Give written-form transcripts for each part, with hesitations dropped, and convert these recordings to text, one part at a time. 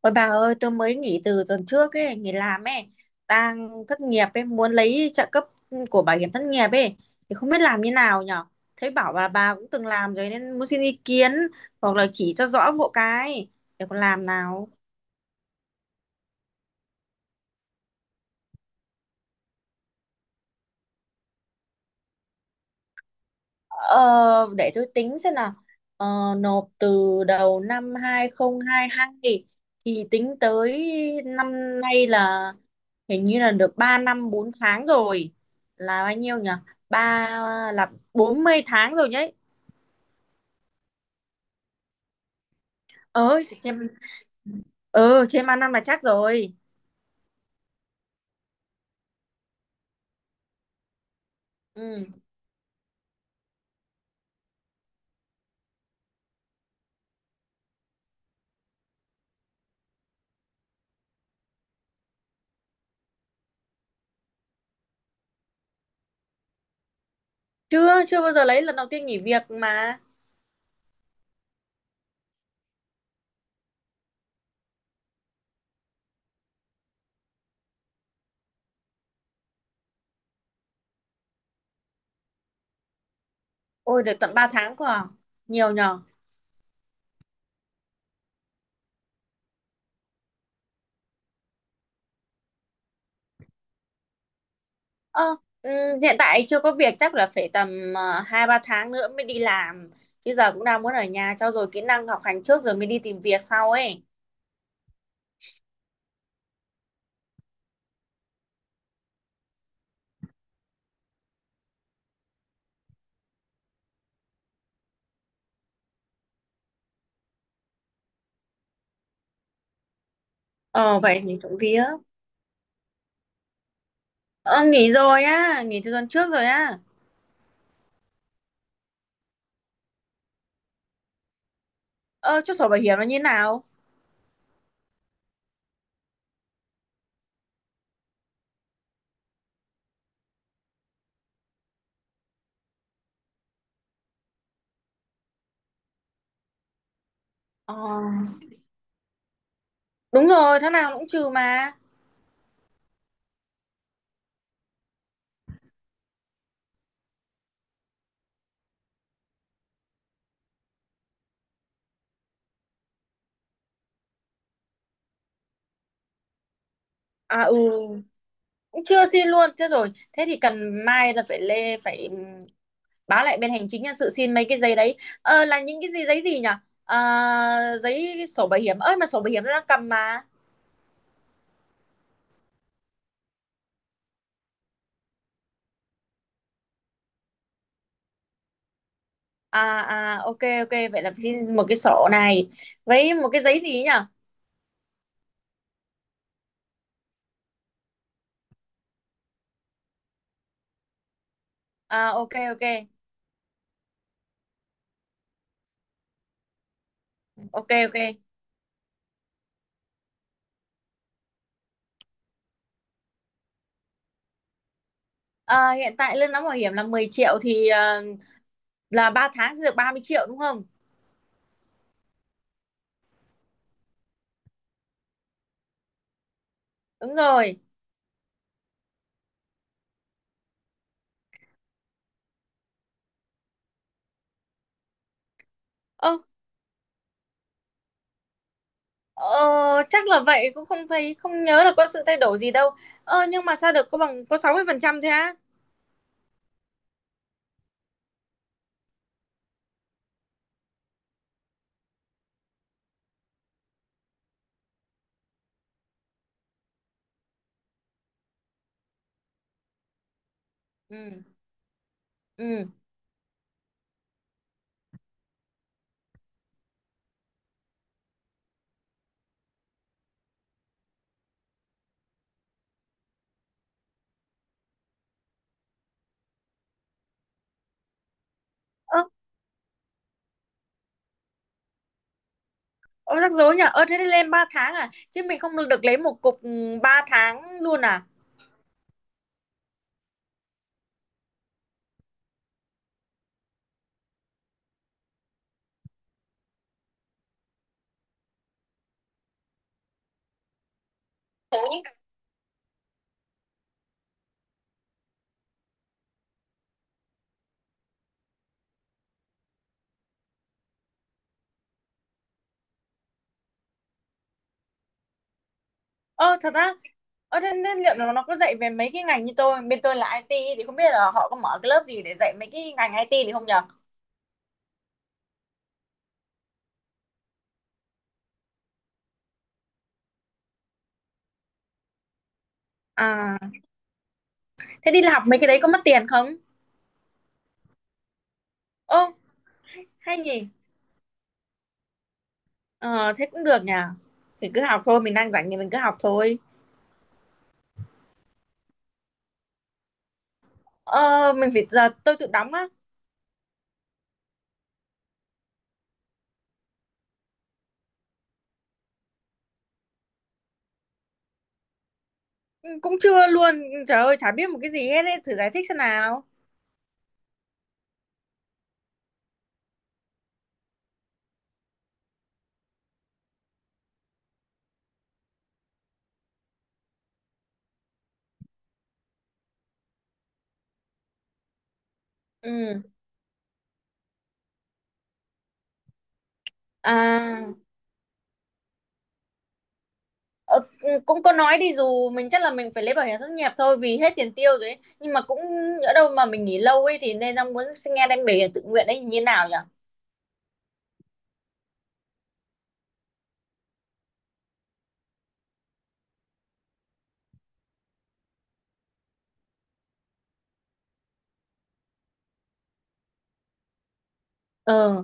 Ôi bà ơi, tôi mới nghỉ từ tuần trước ấy, nghỉ làm ấy, đang thất nghiệp ấy, muốn lấy trợ cấp của bảo hiểm thất nghiệp ấy, thì không biết làm như nào nhở? Thấy bảo bà cũng từng làm rồi nên muốn xin ý kiến hoặc là chỉ cho rõ hộ cái để còn làm nào. Ờ, để tôi tính xem nào. Ờ, nộp từ đầu năm 2022 thì tính tới năm nay là hình như là được 3 năm 4 tháng rồi. Là bao nhiêu nhỉ? Ba là 40 tháng rồi đấy. Ơi, trên 3 năm là chắc rồi. Ừ. Chưa chưa bao giờ lấy lần đầu tiên nghỉ việc mà. Ôi được tận 3 tháng cơ à. Nhiều nhỉ. Ờ, ừm, hiện tại chưa có việc, chắc là phải tầm 2-3 tháng nữa mới đi làm, chứ giờ cũng đang muốn ở nhà trau dồi kỹ năng học hành trước rồi mới đi tìm việc sau ấy. Ờ, vậy thì trộm vía. Ờ, nghỉ rồi á, nghỉ từ tuần trước rồi á. Ờ, chút sổ bảo hiểm nó như thế nào? Ờ, đúng rồi, tháng nào cũng trừ mà. À, ừ, cũng chưa xin luôn. Thế rồi, thế thì cần mai là phải lê phải báo lại bên hành chính nhân sự xin mấy cái giấy đấy. Ờ, là những cái gì, giấy gì nhỉ? Ờ, giấy sổ bảo hiểm ơi, mà sổ bảo hiểm nó đang cầm mà. À, à, ok, ok, vậy là xin một cái sổ này với một cái giấy gì ấy nhỉ. À, ok, ok, ok, ok. Ờ, hiện tại lương đóng bảo hiểm là 10 triệu thì là 3 tháng sẽ được 30 triệu đúng không? Đúng rồi. Ờ, chắc là vậy, cũng không thấy không nhớ là có sự thay đổi gì đâu. Ờ, nhưng mà sao được có bằng có 60% thế á? Ừ. Ừ. Ơ, ờ, rắc rối nhỉ. Ơ thế thì lên 3 tháng à? Chứ mình không được được lấy một cục, ừ, 3 tháng luôn à? Ờ thật á. Ờ thế, liệu nó có dạy về mấy cái ngành như tôi, bên tôi là IT thì không biết là họ có mở cái lớp gì để dạy mấy cái ngành IT thì không nhở? À, thế đi học mấy cái đấy có mất tiền không? Ô, hay nhỉ? Ờ thế cũng được nhỉ. Thì cứ học thôi, mình đang rảnh thì mình cứ học thôi. Ờ, mình phải giờ tôi tự đóng á? Ừ, cũng chưa luôn. Ừ, trời ơi chả biết một cái gì hết ấy, thử giải thích xem nào. Ừ. À. Ờ, ừ, cũng có nói đi dù mình chắc là mình phải lấy bảo hiểm thất nghiệp thôi vì hết tiền tiêu rồi ấy. Nhưng mà cũng ở đâu mà mình nghỉ lâu ấy thì nên đang muốn xin nghe đem bảo hiểm tự nguyện ấy như thế nào nhỉ? Ờ,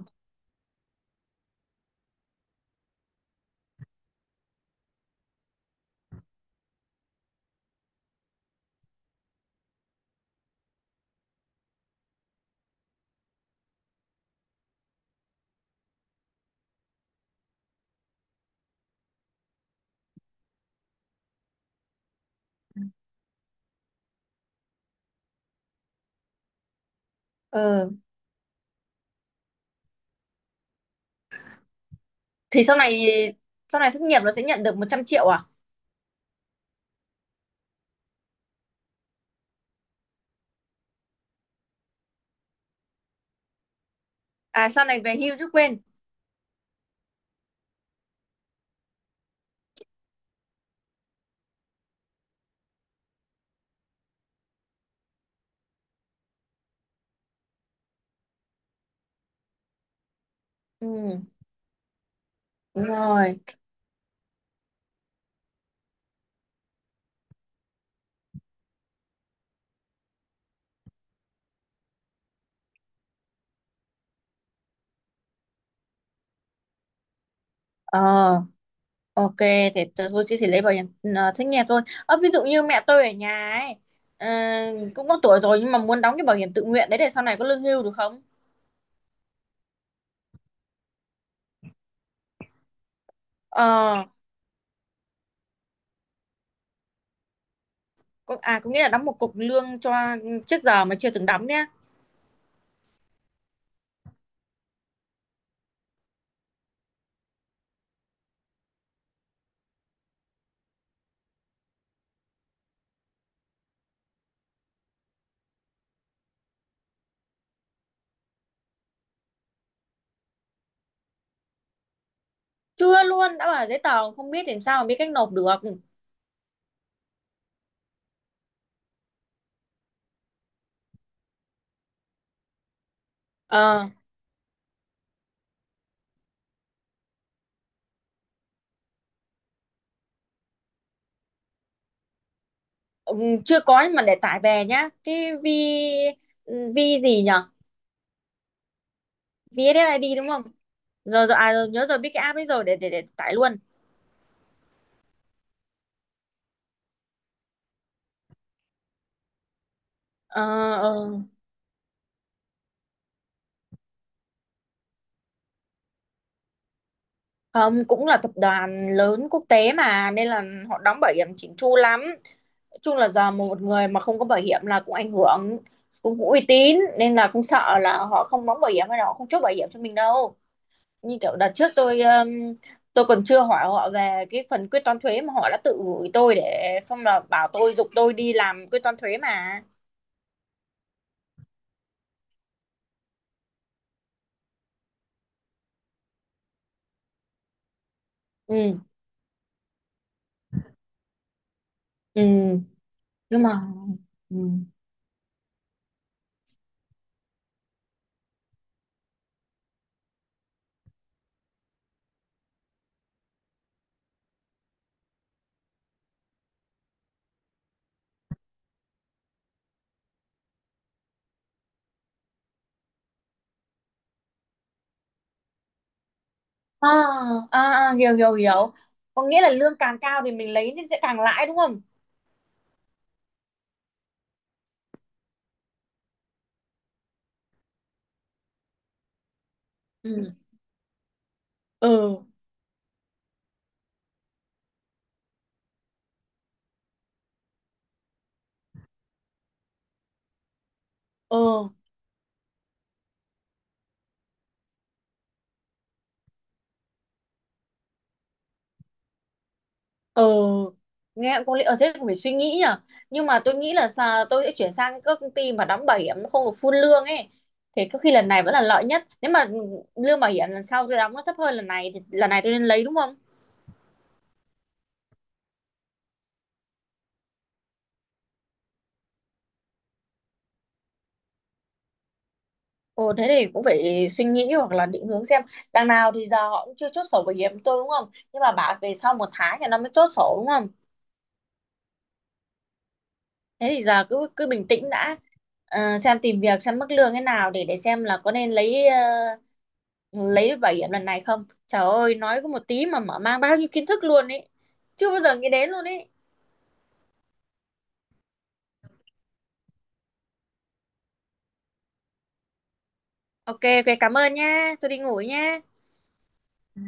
ờ, thì sau này thất nghiệp nó sẽ nhận được 100 triệu à? À, sau này về hưu chứ quên. Ừ, đúng rồi. Ờ. Ok, thì tôi chỉ lấy bảo hiểm thất nghiệp thôi. Ờ, ví dụ như mẹ tôi ở nhà ấy, ờ, cũng có tuổi rồi nhưng mà muốn đóng cái bảo hiểm tự nguyện đấy để sau này có lương hưu được không? Ờ, có, à có nghĩa là đóng một cục lương cho trước giờ mà chưa từng đóng nhá. Chưa luôn, đã bảo là giấy tờ không biết làm sao mà biết cách nộp được. Ờ, chưa có nhưng mà để tải về nhá. Cái vi gì nhở? VSSID đúng không? Rồi, rồi, à rồi, nhớ rồi, biết cái app ấy rồi, để tải luôn. Ờ, ờ. Không, cũng là tập đoàn lớn quốc tế mà nên là họ đóng bảo hiểm chỉnh chu lắm. Nói chung là giờ một người mà không có bảo hiểm là cũng ảnh hưởng, cũng uy tín, nên là không sợ là họ không đóng bảo hiểm hay là họ không chốt bảo hiểm cho mình đâu. Như kiểu đợt trước tôi còn chưa hỏi họ về cái phần quyết toán thuế mà họ đã tự gửi tôi để xong là bảo tôi giục tôi đi làm quyết toán thuế mà. Ừ, ừ, nhưng mà ừ. À, à, à, hiểu hiểu hiểu. Có nghĩa là lương càng cao thì mình lấy thì sẽ càng lãi đúng không? Ừ, ừ, ừ, ừ, nghe có lý. Ở thế cũng phải suy nghĩ nhở, nhưng mà tôi nghĩ là tôi sẽ chuyển sang các công ty mà đóng bảo hiểm không được full lương ấy thì có khi lần này vẫn là lợi nhất. Nếu mà lương bảo hiểm lần sau tôi đóng nó thấp hơn lần này thì lần này tôi nên lấy đúng không? Ồ thế thì cũng phải suy nghĩ hoặc là định hướng xem. Đằng nào thì giờ họ cũng chưa chốt sổ bảo hiểm tôi đúng không, nhưng mà bảo về sau một tháng thì nó mới chốt sổ đúng không? Thế thì giờ cứ cứ bình tĩnh đã. Ờ, xem tìm việc xem mức lương thế nào để xem là có nên lấy lấy được bảo hiểm lần này không. Trời ơi nói có một tí mà mở mang bao nhiêu kiến thức luôn ấy, chưa bao giờ nghĩ đến luôn ấy. Ok, ok, cảm ơn nha, tôi đi ngủ nha.